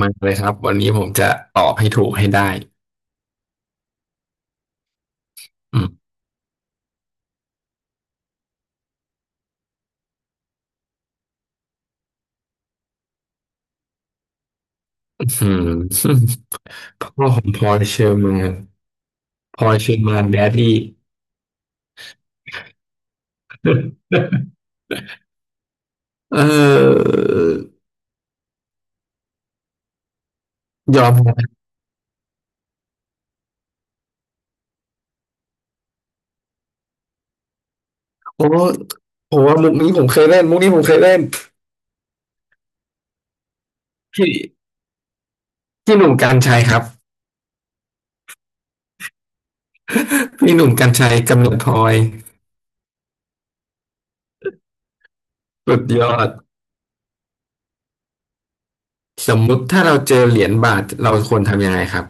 มาเลยครับวันนี้ผมจะตอบให้ถูกให้ได้อืมอืมพ่อของพลอยเชอร์แมานพลอยเชอร์แมานแดดดี้ เออยอมนะโอ้โหมุกนี้ผมเคยเล่นมุกนี้ผมเคยเล่นพี่พี่หนุ่มกรรชัยครับพี่หนุ่มกรรชัยกำเนิดพลอยสุดยอดสมมุติถ้าเราเจอเหรียญบาทเราควรทำยังไงครับ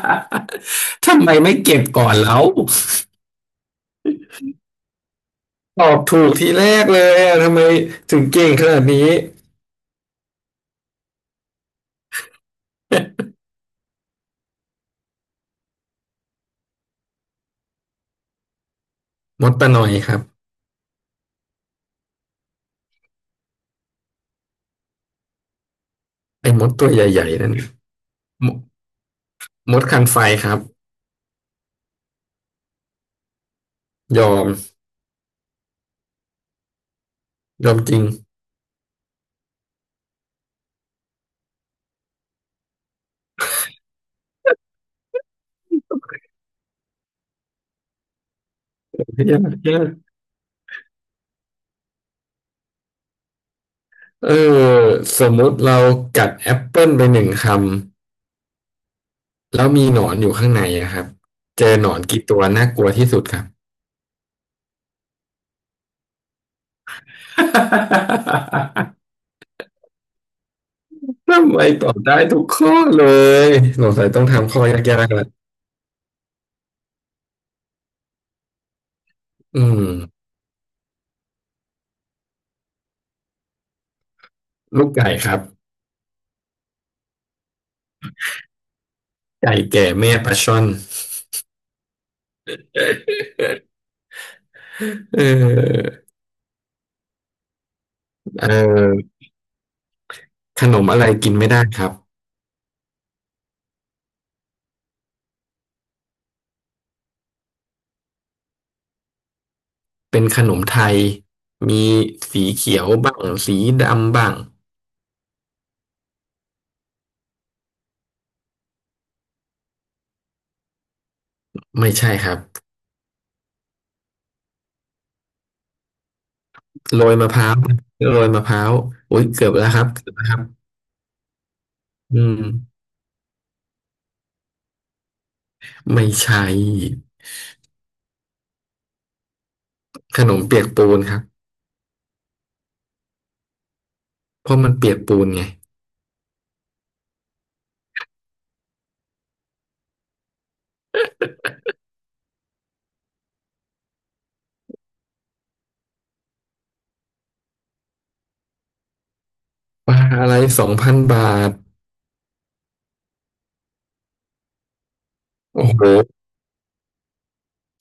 ทำไมไม่เก็บก่อนแล้ว ตอบถูกทีแรกเลยอะทำไมถึงเก่งขนาดนี้มดตะนอยครับไอ้มดตัวใหญ่ๆนั่นมมดคันไฟครับยอมยอมจริงยากยากเออสมมติเรากัดแอปเปิลไปหนึ่งคำแล้วมีหนอนอยู่ข้างในอะครับเจอหนอนกี่ตัวน่ากลัวที่สุดครับ ทำไมตอบได้ทุกข้อเลยสงสัยต้องทำข้อยากๆละอืมลูกไก่ครับไก่แก่แม่ปลาช่อนเออ เอ่อขนมอะไรกินไม่ได้ครับเป็นขนมไทยมีสีเขียวบ้างสีดำบ้างไม่ใช่ครับโรยมะพร้าวโรยมะพร้าวโอ้ยเกือบแล้วครับเกือบแล้วครับอืมไม่ใช่ขนมเปียกปูนครับเพราะมันเปียกปูนไงปลาอะไรสองพันบาทโอ้โห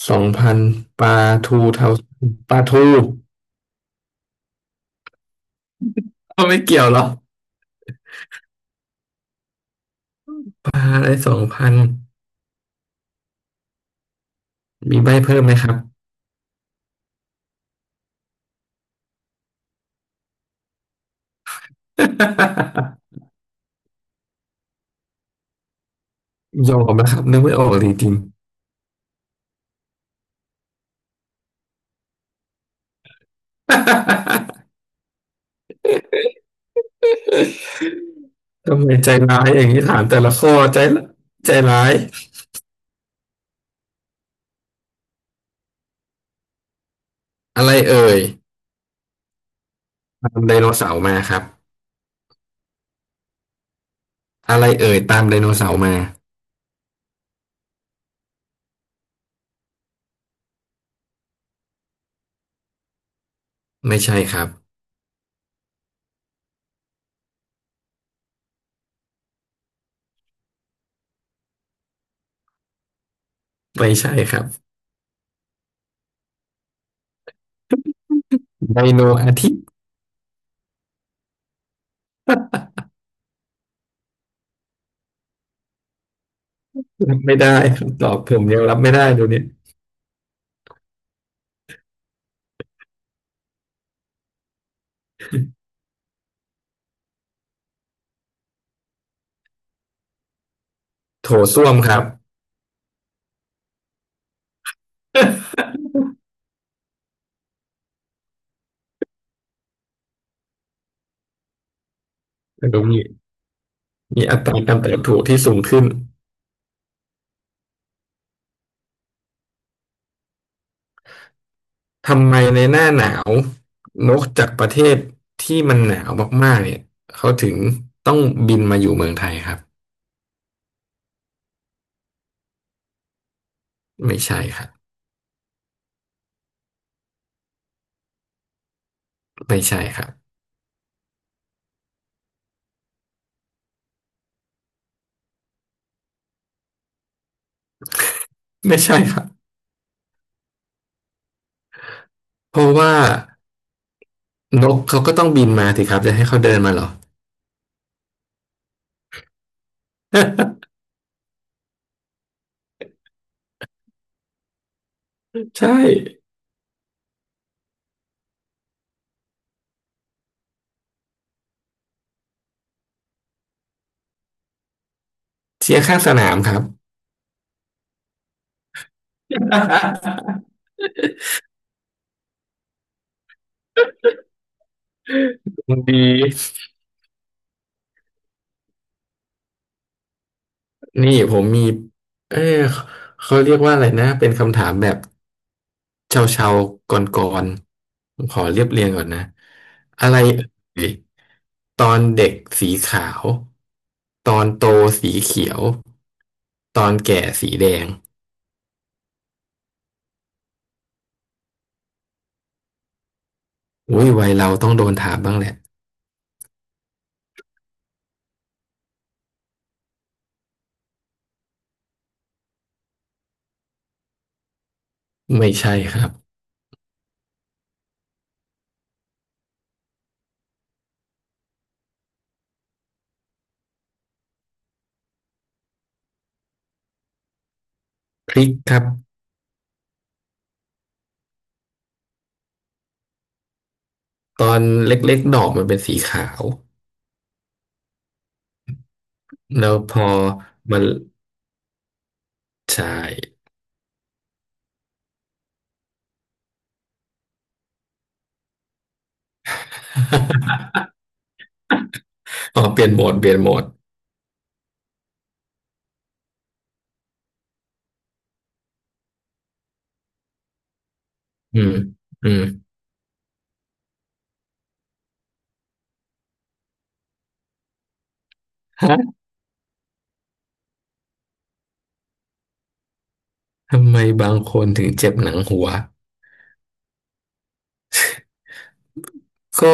สองพันปลาทูเทาปลาทูก็ไม่เกี่ยวหรอปลาอะไรสองพันมีใบเพิ่มไหมครับ ยอมนะครับนึกไม่ออกจริงๆ ทำไมใจร้ายอย่างนี้ถามแต่ละข้อใจละใจร้ายอะไรเอ่ยตามไดโนเสาร์มาครับอะไรเอ่ยตามไดโนเสาร์มาไม่ใช่ครับไม่ใช่ครับไดโนอาทิตย์รับไม่ได้คำตอบผมยังรับไม่ได้เดูเนี่ยโถส้วมครับ แต่ก็มีมีอัตราการเติบโตที่สูงขึ้นทำไมในหน้าหนาวนกจากประเทศที่มันหนาวมากๆเนี่ยเขาถึงต้องบินมาอยู่เมืองไทยครับ ไม่ใช่ครับไม่ใช่ครับไม่ใช่ครับเพราะว่านกเขาก็ต้องบินมาสิครับจะให้เขาเดินมาเหรอ ใช่เชียร์ข้างสนามครับ ดีนี่ผมมีเออเขาเรียกว่าอะไรนะเป็นคำถามแบบเชาเชาก่อนๆผมขอเรียบเรียงก่อนนะอะไรเอ่ยตอนเด็กสีขาวตอนโตสีเขียวตอนแก่สีแดง อุ้ยวัยเราต้องโดนถามบ้างแหละไม่ใช่ครับพริกครับตอนเล็กๆดอกมันเป็นสีขาวแล้วพอมันใช่ อ๋อเปลี่ยนโหมดเปลี่ยนโหมดอืมอืมฮะทำไมบางคนถึงเจ็บหนังหัวก็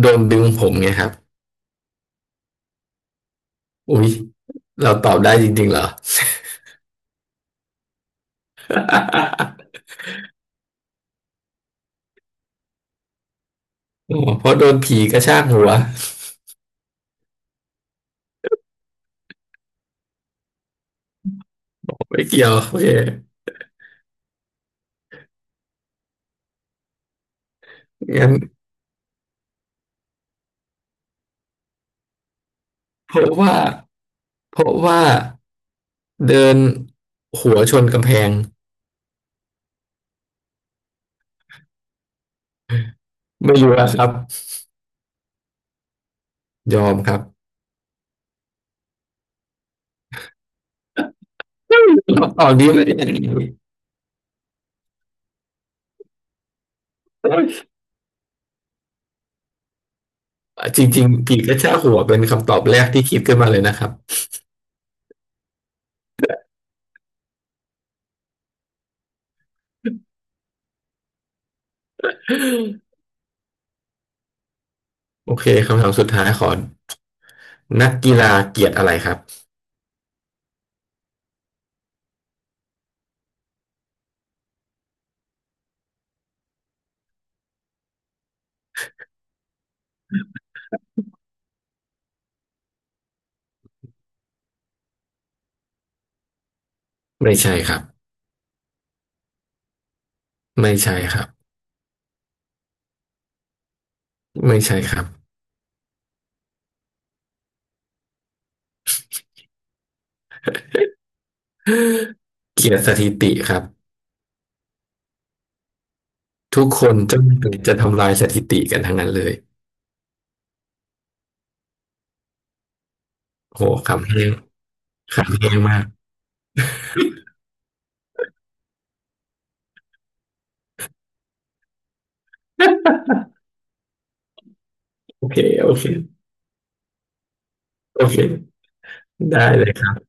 โดนดึงผมไงครับอุ๊ยเราตอบได้จริงๆเหรอ อ๋อเพราะโดนผีกระชากหัวไม่เกี่ยวโอเคงั้นเพราะว่าเพราะว่า เดินหัวชนกำแพงไม่รู้อะครับยอมครับคำตอบนี้ไม่ได้จริงๆผีกระชากหัวเป็นคำตอบแรกที่คิดขึ้นมาเลยนะครับโอเคคำถามสุดท้ายขอนักกีฬาเกลียดอะไรครับไม่ใช่ครับไม่ใช่ครับไม่ใช่ครับเกลียดสถิติครับทุกคนจะจะทำลายสถิติกันทั้งนั้นเลยโหขำแห้งขำแห้งมากโอเคโอเคโอเคได้เลยครับ